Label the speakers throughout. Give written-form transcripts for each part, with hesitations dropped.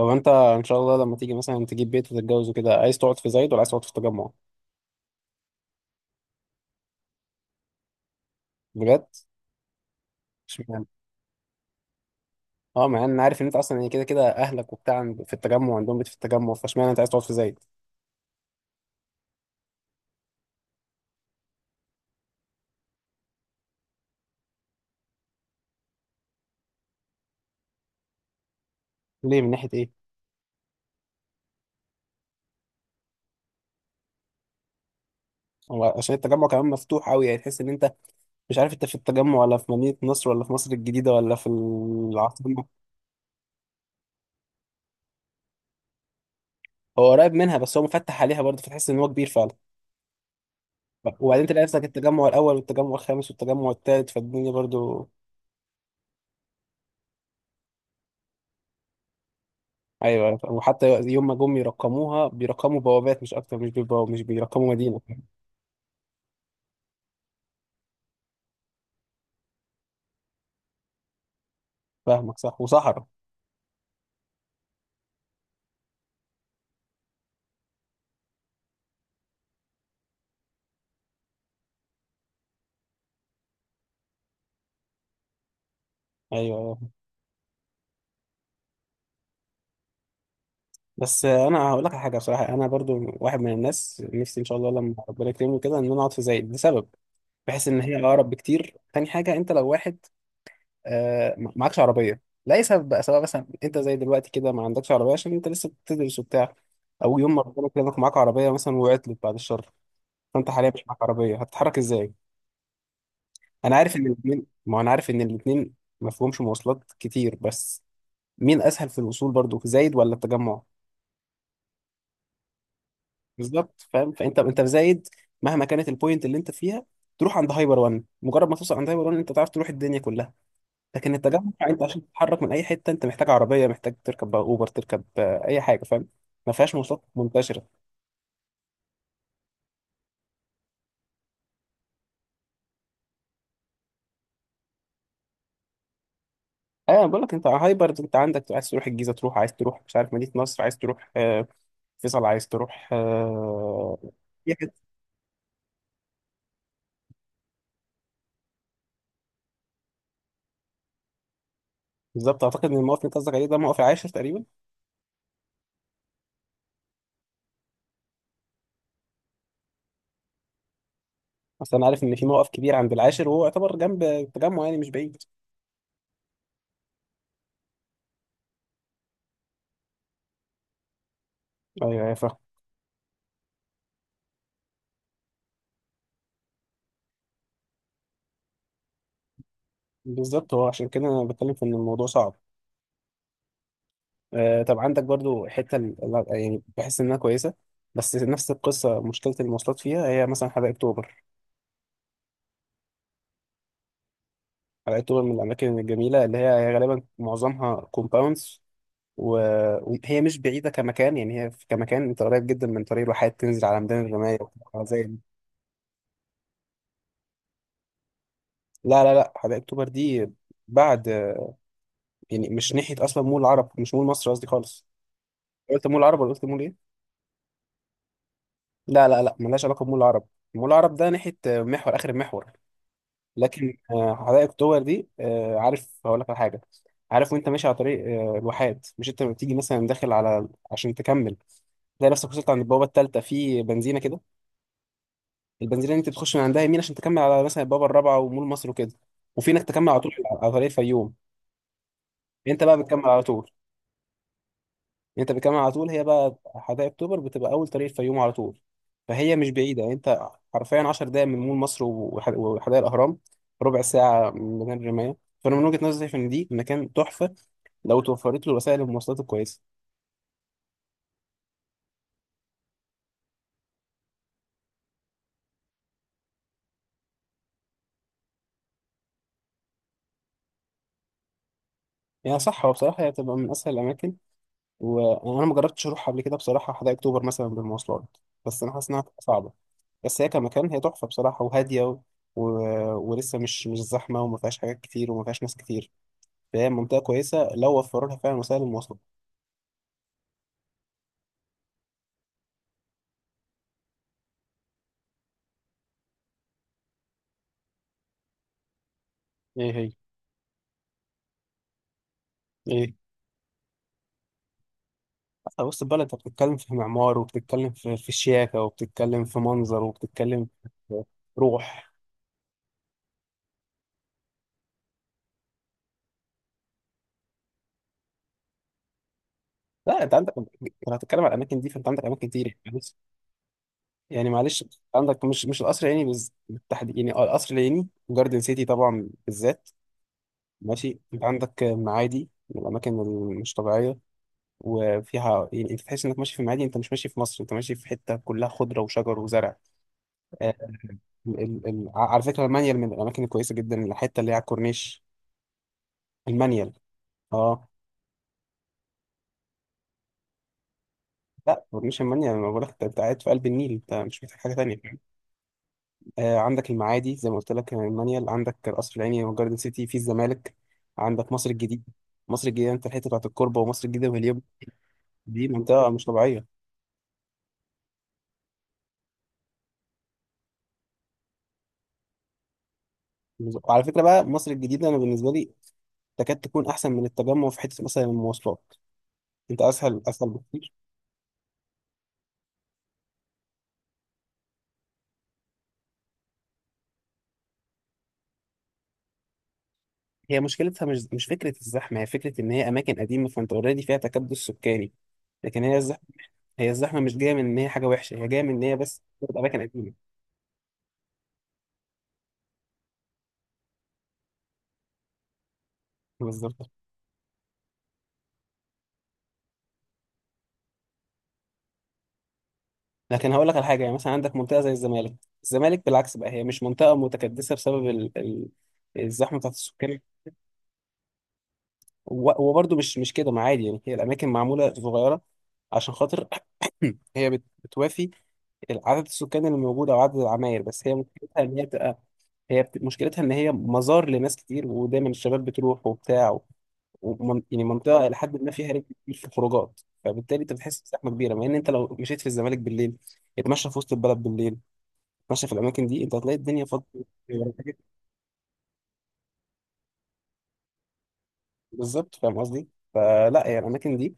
Speaker 1: هو انت ان شاء الله لما تيجي مثلا تجيب بيت وتتجوز وكده عايز تقعد في زايد ولا عايز تقعد في التجمع؟ بجد؟ اشمعنى؟ اه مع ان انا عارف ان انت اصلا يعني كده كده اهلك وبتاع في التجمع، عندهم بيت في التجمع، فاشمعنى انت عايز تقعد في زايد؟ ليه، من ناحيه ايه؟ هو عشان التجمع كمان مفتوح قوي، يعني تحس ان انت مش عارف انت في التجمع ولا في مدينه نصر ولا في مصر الجديده ولا في العاصمه. هو قريب منها بس هو مفتح عليها برضه، فتحس ان هو كبير فعلا. وبعدين تلاقي نفسك التجمع الاول والتجمع الخامس والتجمع الثالث فالدنيا برضه. ايوه، أيوة. وحتى يوم ما جم يرقموها بيرقموا بوابات مش اكتر، مش بيبقوا مش بيرقموا مدينه. فاهمك، صح، وصحراء. ايوه، أيوة. بس انا هقول لك على حاجه بصراحه، انا برضو واحد من الناس نفسي ان شاء الله لما ربنا يكرمني كده ان انا اقعد في زايد لسبب. بحس ان هي اقرب بكتير. تاني حاجه، انت لو واحد معكش عربيه لاي سبب بقى، سواء مثلا انت زي دلوقتي كده ما عندكش عربيه عشان انت لسه بتدرس وبتاع، او يوم ما ربنا يكرمك معاك عربيه مثلا وعطلت بعد الشر، فانت حاليا مش معاك عربيه هتتحرك ازاي؟ انا عارف ان الاثنين ما فيهمش مواصلات كتير، بس مين اسهل في الوصول برضو، في زايد ولا التجمع؟ بالظبط، فاهم. فانت في زايد مهما كانت البوينت اللي انت فيها تروح عند هايبر وان، مجرد ما توصل عند هايبر وان انت تعرف تروح الدنيا كلها. لكن التجمع انت عشان تتحرك من اي حته انت محتاج عربيه، محتاج تركب بقى اوبر، تركب اي حاجه، فاهم. ما فيهاش مواصلات منتشره. ايوه بقول لك، انت على هايبر انت عندك عايز تروح الجيزه تروح، عايز تروح مش عارف مدينه نصر، عايز تروح فيصل، عايز تروح بالظبط. اعتقد ان الموقف اللي انت قصدك عليه ده موقف العاشر تقريبا. اصل انا عارف ان في موقف كبير عند العاشر وهو يعتبر جنب التجمع يعني، مش بعيد. ايوه ايوه فاهم. بالظبط، هو عشان كده انا بتكلم في ان الموضوع صعب. آه طب، عندك برضو حته يعني بحس انها كويسه، بس نفس القصه مشكله المواصلات فيها، هي مثلا حدائق اكتوبر. حدائق اكتوبر من الاماكن الجميله، اللي هي غالبا معظمها كومباوندز، وهي مش بعيده كمكان، يعني هي كمكان انت قريب جدا من طريق الواحات، تنزل على ميدان الرمايه وحاجات زي دي. لا لا لا، حدائق اكتوبر دي بعد. يعني مش ناحية أصلا مول العرب، مش مول مصر قصدي، خالص. قلت مول العرب ولا قلت مول إيه؟ لا لا لا، ملهاش علاقة بمول العرب. مول العرب ده ناحية محور، آخر المحور. لكن حدائق أكتوبر دي، عارف هقول لك على حاجة. عارف وأنت ماشي على طريق الواحات، مش أنت بتيجي مثلا داخل على عشان تكمل، تلاقي نفسك وصلت عند البوابة التالتة في بنزينة كده. البنزينة دي أنت بتخش من عندها يمين عشان تكمل على مثلا البوابة الرابعة ومول مصر وكده، وفي إنك تكمل على طول على طريق الفيوم. أنت بقى بتكمل على طول. انت بتكمل على طول، هي بقى حدائق اكتوبر بتبقى اول طريق الفيوم على طول. فهي مش بعيده، يعني انت حرفيا 10 دقائق من مول مصر وحدائق الاهرام، ربع ساعه من ميدان الرمايه. فانا من وجهه نظري ان دي مكان تحفه لو توفرت له وسائل المواصلات الكويسه. يعني صح، هو بصراحه هي بتبقى من اسهل الاماكن، وانا ما جربتش اروح قبل كده بصراحه حدائق اكتوبر مثلا بالمواصلات، بس انا حاسس انها هتبقى صعبه. بس هي كمكان هي تحفه بصراحه، وهاديه و... ولسه مش زحمه، وما فيهاش حاجات كتير وما فيهاش ناس كتير، فهي منطقة كويسة لو وفروا لها فعلا وسائل المواصلات. ايه هي؟ ايه؟ أصل وسط البلد أنت بتتكلم في معمار، وبتتكلم في شياكة، وبتتكلم في منظر، وبتتكلم في روح. لا أنت عندك، لو هتتكلم على الأماكن دي فأنت عندك أماكن كتير، يعني معلش، يعني معلش. عندك مش القصر العيني بالتحديد، يعني القصر العيني جاردن سيتي طبعا بالذات. ماشي، أنت عندك معادي من الأماكن المش طبيعية، وفيها يعني أنت تحس إنك ماشي في معادي، أنت مش ماشي في مصر، أنت ماشي في حتة كلها خضرة وشجر وزرع. آه، على فكرة المانيال من الأماكن الكويسة جدا، الحتة اللي هي على الكورنيش. المانيال. اه، لا كورنيش المانيال، ما بقولك، انت أنت قاعد في قلب النيل، انت مش محتاج حاجة تانية. آه عندك المعادي زي ما قلت لك، المانيال، عندك القصر العيني وجاردن سيتي في الزمالك، عندك مصر الجديدة. مصر الجديدة انت الحتة بتاعت الكوربة ومصر الجديدة وهليوب، دي منطقة مش طبيعية. وعلى فكرة بقى، مصر الجديدة أنا بالنسبة لي تكاد تكون أحسن من التجمع في حتة مثلا المواصلات، انت أسهل بكتير. هي مشكلتها مش فكرة الزحمة، هي فكرة إن هي أماكن قديمة، فأنت أوريدي فيها تكدس سكاني. لكن هي الزحمة، هي الزحمة مش جاية من إن هي حاجة وحشة، هي جاية من إن هي بس أماكن قديمة، بالظبط. لكن هقول لك على حاجة، يعني مثلا عندك منطقة زي الزمالك. الزمالك بالعكس بقى هي مش منطقة متكدسة بسبب الزحمة بتاعت السكان. وبرضه مش كده، ما عادي يعني، هي الأماكن معمولة صغيرة عشان خاطر هي بتوافي عدد السكان اللي موجود أو عدد العماير، بس هي مشكلتها إن هي بتبقى، هي مشكلتها ان هي مزار لناس كتير، ودايما الشباب بتروح وبتاع يعني منطقه الى حد ما فيها رجل كتير في الخروجات، فبالتالي انت بتحس بزحمه كبيره، مع ان انت لو مشيت في الزمالك بالليل، اتمشى في وسط البلد بالليل، اتمشى في الاماكن دي، انت هتلاقي الدنيا فاضيه. بالظبط فاهم قصدي. فلا هي الاماكن دي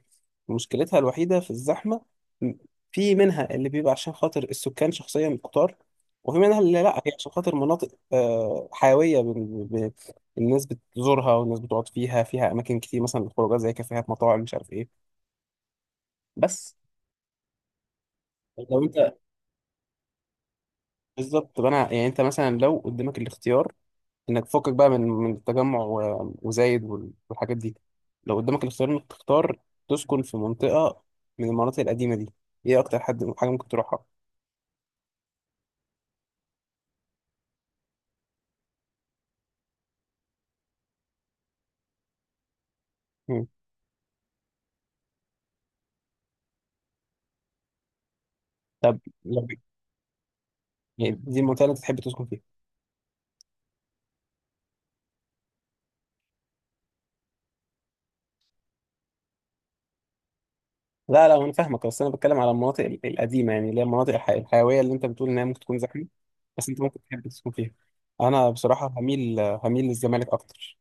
Speaker 1: مشكلتها الوحيده في الزحمه، م- في منها اللي بيبقى عشان خاطر السكان شخصيا كتار، وفي منها اللي لا هي عشان خاطر مناطق آه، حيويه ب- ب- ب- الناس بتزورها والناس بتقعد فيها، فيها اماكن كتير مثلا للخروجات زي كافيهات مطاعم مش عارف ايه. بس لو انت، بالظبط. طب انا يعني، انت مثلا لو قدامك الاختيار انك تفكك بقى من التجمع وزايد والحاجات دي، لو قدامك الاختيار انك تختار تسكن في منطقة من المناطق القديمة دي، ايه اكتر حد حاجة ممكن تروحها؟ مم. طب لو يعني دي المنطقة اللي انت تحب تسكن فيها؟ لا لا انا فاهمك، بس انا بتكلم على المناطق القديمة، يعني اللي هي المناطق الحيوية اللي انت بتقول انها ممكن تكون زحمة، بس انت ممكن تحب تسكن فيها. انا بصراحة هميل للزمالك اكتر.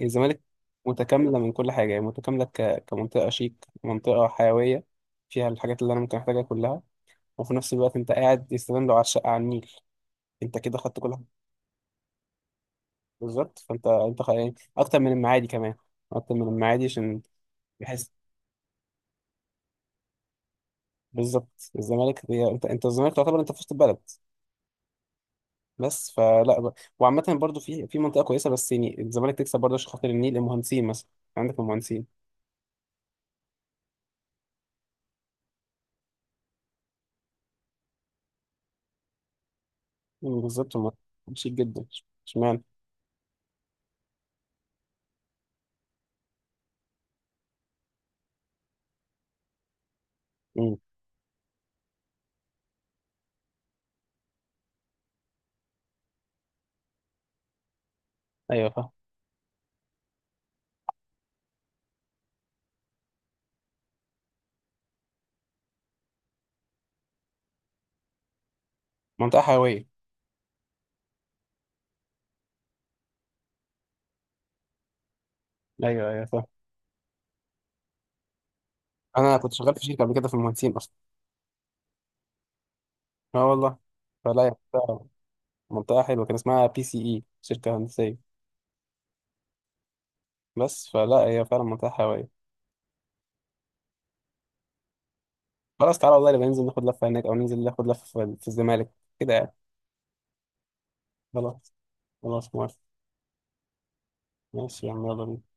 Speaker 1: الزمالك متكاملة من كل حاجة، يعني متكاملة كمنطقة شيك، منطقة حيوية، فيها الحاجات اللي أنا ممكن أحتاجها كلها، وفي نفس الوقت أنت قاعد يستدام لو على الشقة على النيل، أنت كده خدت كل حاجة، بالظبط. فأنت يعني أكتر من المعادي كمان، أكتر من المعادي عشان بحس، بالظبط. الزمالك هي أنت، الزمالك تعتبر أنت في وسط البلد، بس فلا وعامة برضو في منطقة كويسة، بس يعني الزمالك تكسب برضه عشان خاطر النيل. المهندسين مثلا، عندك المهندسين. مم، بالظبط، هم شيك جدا. اشمعنى؟ مم، أيوه فاهم. منطقة حيوية. ايوه ايوه فاهم. أنا كنت شغال في شركة قبل كده في المهندسين أصلا. اه والله. فلا هي منطقة، منطقة حلوة، كان اسمها BCE، شركة هندسية. بس فلا هي فعلا منطقة حيوية. خلاص تعالى والله، نبقى ننزل ناخد لفة هناك أو ننزل ناخد لفة في الزمالك كده يعني. خلاص. خلاص موافق. ماشي يا عم، يلا بينا.